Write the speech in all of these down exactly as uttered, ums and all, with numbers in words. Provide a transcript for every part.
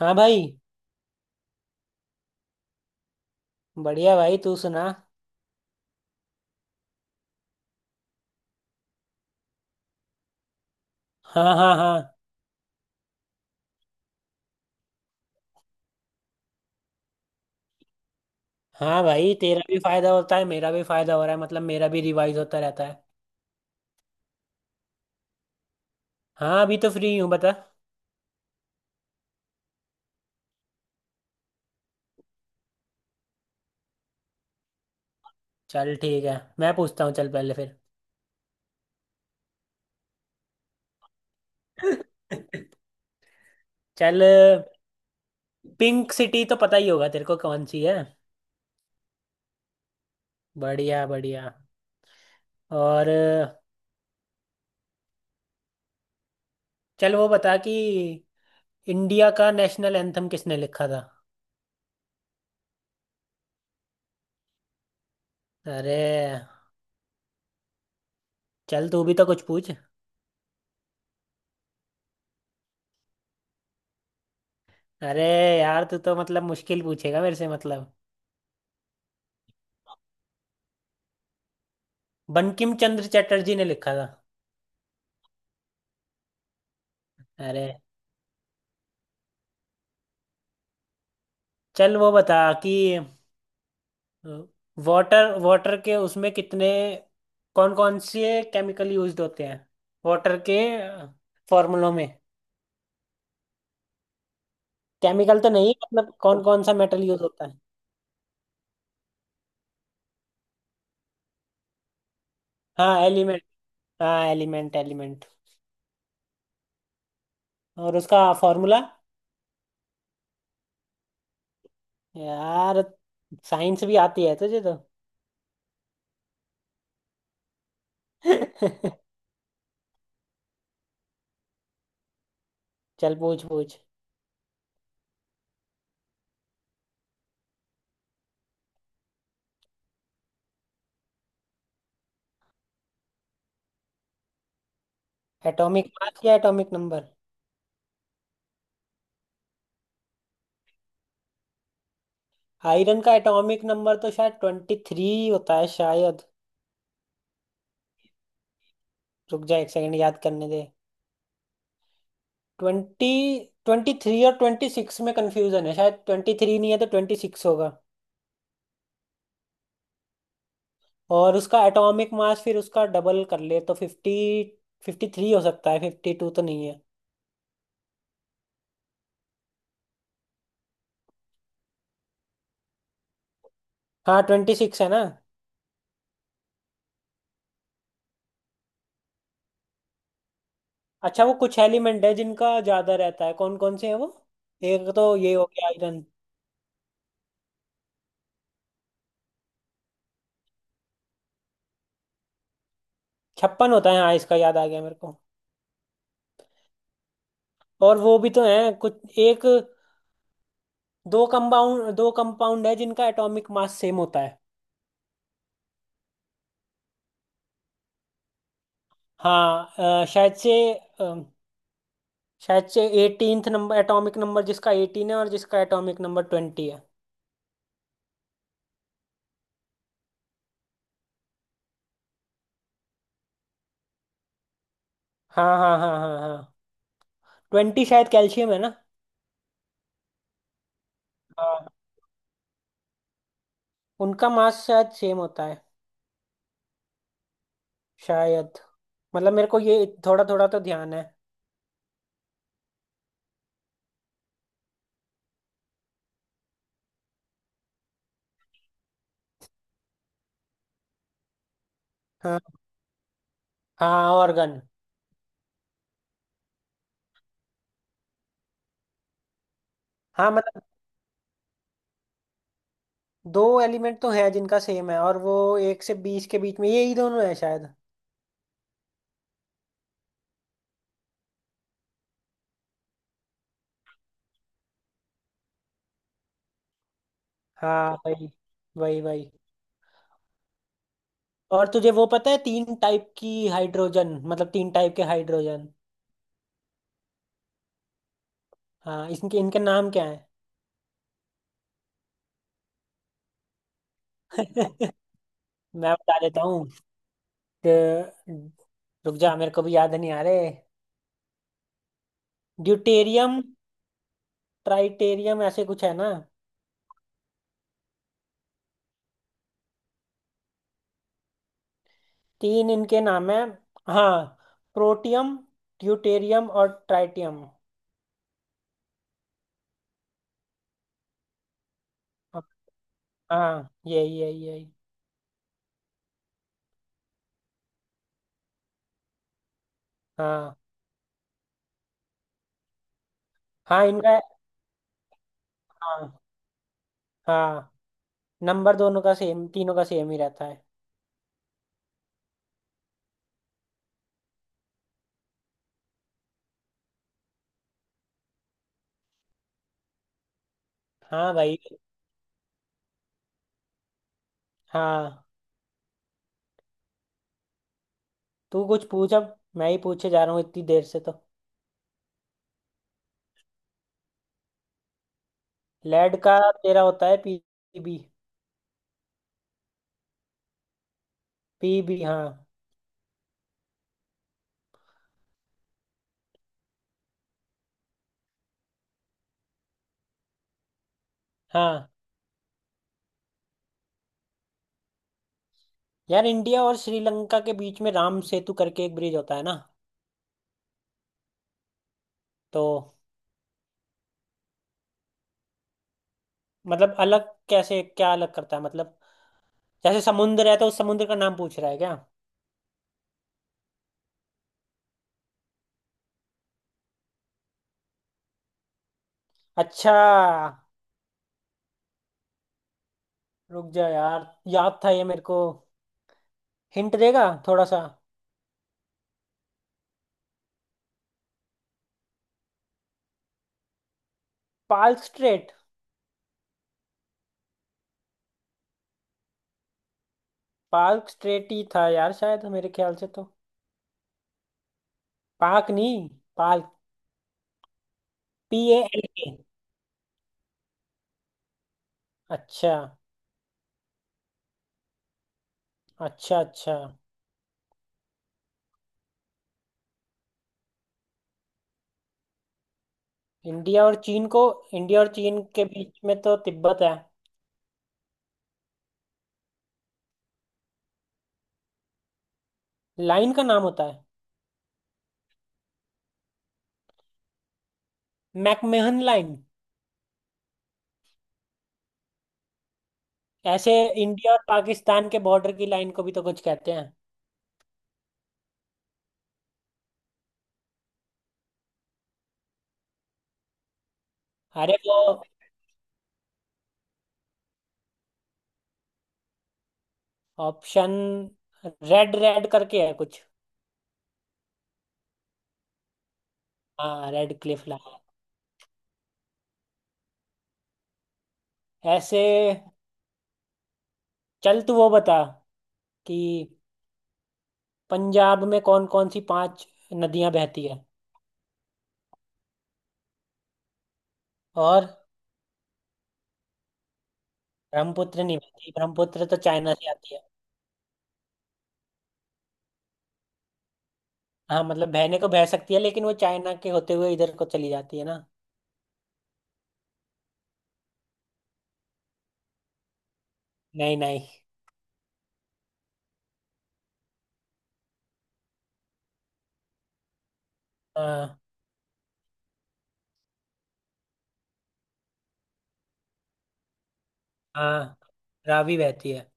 हाँ भाई। बढ़िया भाई, तू सुना। हाँ, हाँ, हाँ। हाँ भाई, तेरा भी फायदा होता है, मेरा भी फायदा हो रहा है, मतलब मेरा भी रिवाइज होता रहता है। हाँ, अभी तो फ्री हूँ, बता। चल ठीक है, मैं पूछता हूँ, चल पहले फिर। चल, पिंक सिटी तो पता ही होगा तेरे को, कौन सी है। बढ़िया, बढ़िया। और चल, वो बता कि इंडिया का नेशनल एंथम किसने लिखा था। अरे चल तू भी तो कुछ पूछ। अरे यार, तू तो मतलब मुश्किल पूछेगा मेरे से, मतलब। बंकिम चंद्र चटर्जी ने लिखा था। अरे चल, वो बता कि वाटर वाटर के उसमें कितने, कौन कौन से केमिकल यूज्ड होते हैं, वाटर के फॉर्मूलों में। केमिकल तो नहीं, मतलब कौन कौन सा मेटल यूज होता है। हाँ एलिमेंट। हाँ एलिमेंट एलिमेंट। और उसका फॉर्मूला। यार साइंस भी आती है तुझे तो। चल, पूछ पूछ। एटॉमिक मास या एटॉमिक नंबर। आयरन का एटॉमिक नंबर तो शायद ट्वेंटी थ्री होता है शायद। रुक जा एक सेकंड, याद करने दे। ट्वेंटी ट्वेंटी थ्री और ट्वेंटी सिक्स में कंफ्यूजन है, शायद ट्वेंटी थ्री नहीं है तो ट्वेंटी सिक्स होगा। और उसका एटॉमिक मास फिर उसका डबल कर ले तो फिफ्टी, फिफ्टी थ्री हो सकता है, फिफ्टी टू तो नहीं है। हाँ, ट्वेंटी सिक्स है ना। अच्छा, वो कुछ एलिमेंट है जिनका ज्यादा रहता है, कौन कौन से हैं वो। एक तो ये हो गया आयरन। छप्पन होता है हाँ, इसका याद आ गया मेरे को। और वो भी तो है कुछ एक, दो कंपाउंड, दो कंपाउंड है जिनका एटॉमिक मास सेम होता है। हाँ, अ, शायद से, शायद से एटीनथ नंबर, एटॉमिक नंबर जिसका एटीन है और जिसका एटॉमिक नंबर ट्वेंटी है। हाँ, हाँ, हाँ, हाँ, हाँ। ट्वेंटी शायद कैल्शियम है ना। हाँ, उनका मास शायद सेम होता है। शायद मतलब मेरे को ये थोड़ा थोड़ा तो ध्यान है। हाँ, हाँ ऑर्गन। हाँ, मतलब दो एलिमेंट तो है जिनका सेम है, और वो एक से बीस के बीच में यही दोनों है शायद। हाँ, वही वही वही। और तुझे वो पता है, तीन टाइप की हाइड्रोजन, मतलब तीन टाइप के हाइड्रोजन। हाँ, इनके इनके नाम क्या है। मैं बता देता हूँ। ड- रुक जा, मेरे को भी याद नहीं आ रहे। ड्यूटेरियम, ट्राइटेरियम ऐसे कुछ है ना। तीन इनके नाम है। हाँ, प्रोटियम, ड्यूटेरियम और ट्राइटियम। हाँ, यही यही यही। हाँ, हाँ इनका। हाँ, हाँ, नंबर दोनों का सेम, तीनों का सेम ही रहता है। हाँ भाई। हाँ, तू कुछ पूछ, अब मैं ही पूछे जा रहा हूँ इतनी देर से तो। लेड का तेरा होता है पीबी। पीबी, हाँ। हाँ यार, इंडिया और श्रीलंका के बीच में राम सेतु करके एक ब्रिज होता है ना। तो मतलब अलग कैसे, क्या अलग करता है मतलब, जैसे समुद्र है तो उस समुद्र का नाम पूछ रहा है क्या। अच्छा, रुक जा यार, याद था ये मेरे को, हिंट देगा थोड़ा सा। Palk Strait. पाल्क स्ट्रेट ही था यार शायद, मेरे ख्याल से तो। पाक नहीं, Palk. P A L K. अच्छा, अच्छा। अच्छा, इंडिया और चीन को, इंडिया और चीन के बीच में तो तिब्बत है। लाइन का नाम होता है। McMahon line. ऐसे इंडिया और पाकिस्तान के बॉर्डर की लाइन को भी तो कुछ कहते हैं। अरे वो, ऑप्शन रेड रेड करके है कुछ। हाँ, रेड क्लिफ लाइन। ऐसे चल, तू वो बता कि पंजाब में कौन कौन सी पांच नदियां बहती है। और ब्रह्मपुत्र नहीं बहती, ब्रह्मपुत्र तो चाइना से आती है। हाँ, मतलब बहने को बह सकती है लेकिन वो चाइना के होते हुए इधर को चली जाती है ना। नहीं नहीं। हाँ, हाँ रावी बहती है।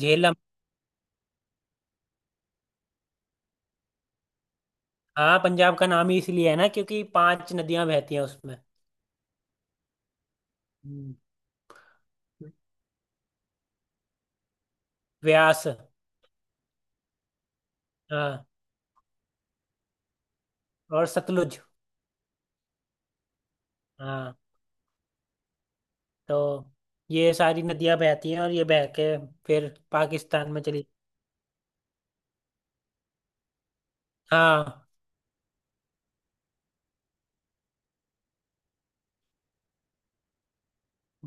झेलम। हाँ, पंजाब का नाम ही इसलिए है ना क्योंकि पांच नदियां बहती हैं उसमें। हम्म। व्यास। हाँ और सतलुज। हाँ, तो ये सारी नदियां बहती हैं और ये बह के फिर पाकिस्तान में चली। हाँ,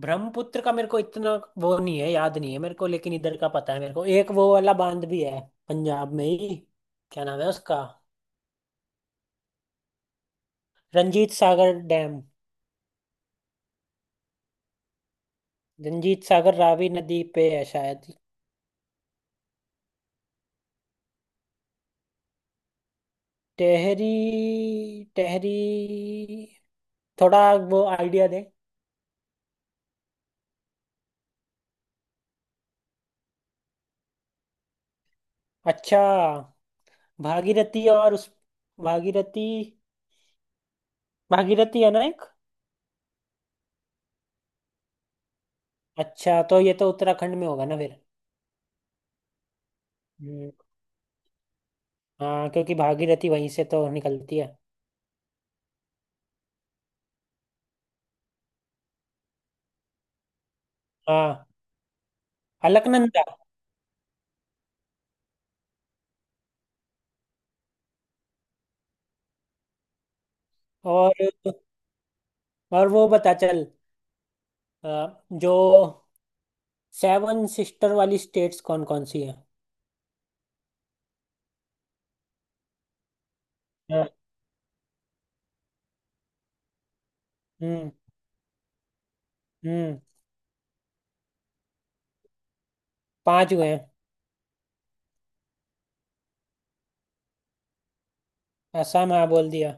ब्रह्मपुत्र का मेरे को इतना, वो नहीं है, याद नहीं है मेरे को, लेकिन इधर का पता है मेरे को, एक वो वाला बांध भी है पंजाब में ही। क्या नाम है उसका, रंजीत सागर डैम। रंजीत सागर रावी नदी पे है शायद। टहरी। टहरी। थोड़ा वो आइडिया दे। अच्छा, भागीरथी और उस भागीरथी, भागीरथी है ना एक। अच्छा तो ये तो उत्तराखंड में होगा ना फिर। हम्म, हाँ, क्योंकि भागीरथी वहीं से तो निकलती है। हाँ, अलकनंदा। और और वो बता चल, अ, जो सेवन सिस्टर वाली स्टेट्स कौन कौन सी है। हम्म। हम्म। पांच हुए हैं। असम, हाँ बोल दिया।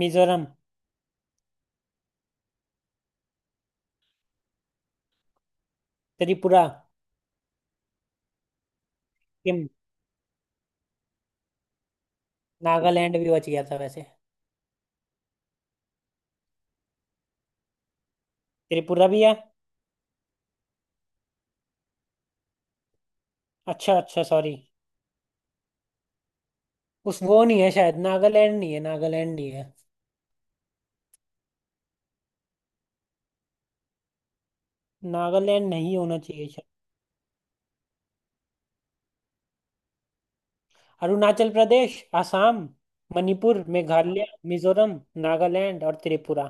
मिजोरम। त्रिपुरा। सिक्किम। नागालैंड भी बच गया था वैसे। त्रिपुरा भी है। अच्छा, अच्छा, सॉरी। उस वो नहीं है शायद, नागालैंड नहीं है, नागालैंड नहीं है। नागालैंड नहीं होना चाहिए शायद। अरुणाचल प्रदेश, आसाम, मणिपुर, मेघालय, मिजोरम, नागालैंड और त्रिपुरा।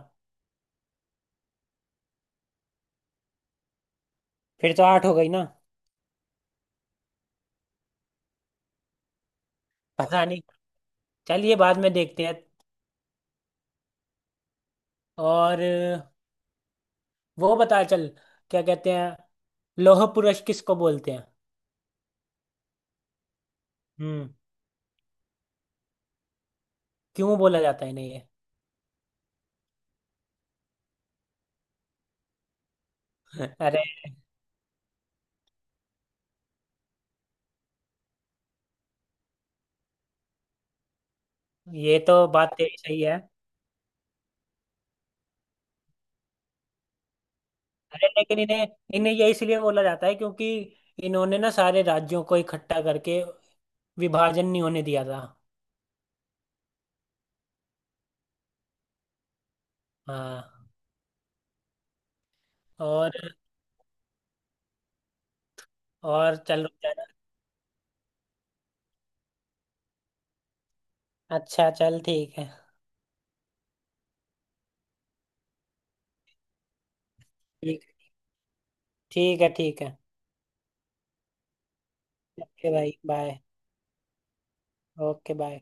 फिर तो आठ हो गई ना। पता नहीं, चलिए बाद में देखते हैं। और अ, वो बता चल, क्या कहते हैं, लौह पुरुष किसको बोलते हैं। हम्म। क्यों बोला जाता है इन्हें ये। अरे, ये तो बात तेरी सही है। अरे लेकिन इन्हें, इन्हें ये इसलिए बोला जाता है क्योंकि इन्होंने ना सारे राज्यों को इकट्ठा करके विभाजन नहीं होने दिया था। हाँ। और और चल रुक जाना। अच्छा चल ठीक है। ठीक ठीक है ठीक है। ओके भाई बाय। Okay bye.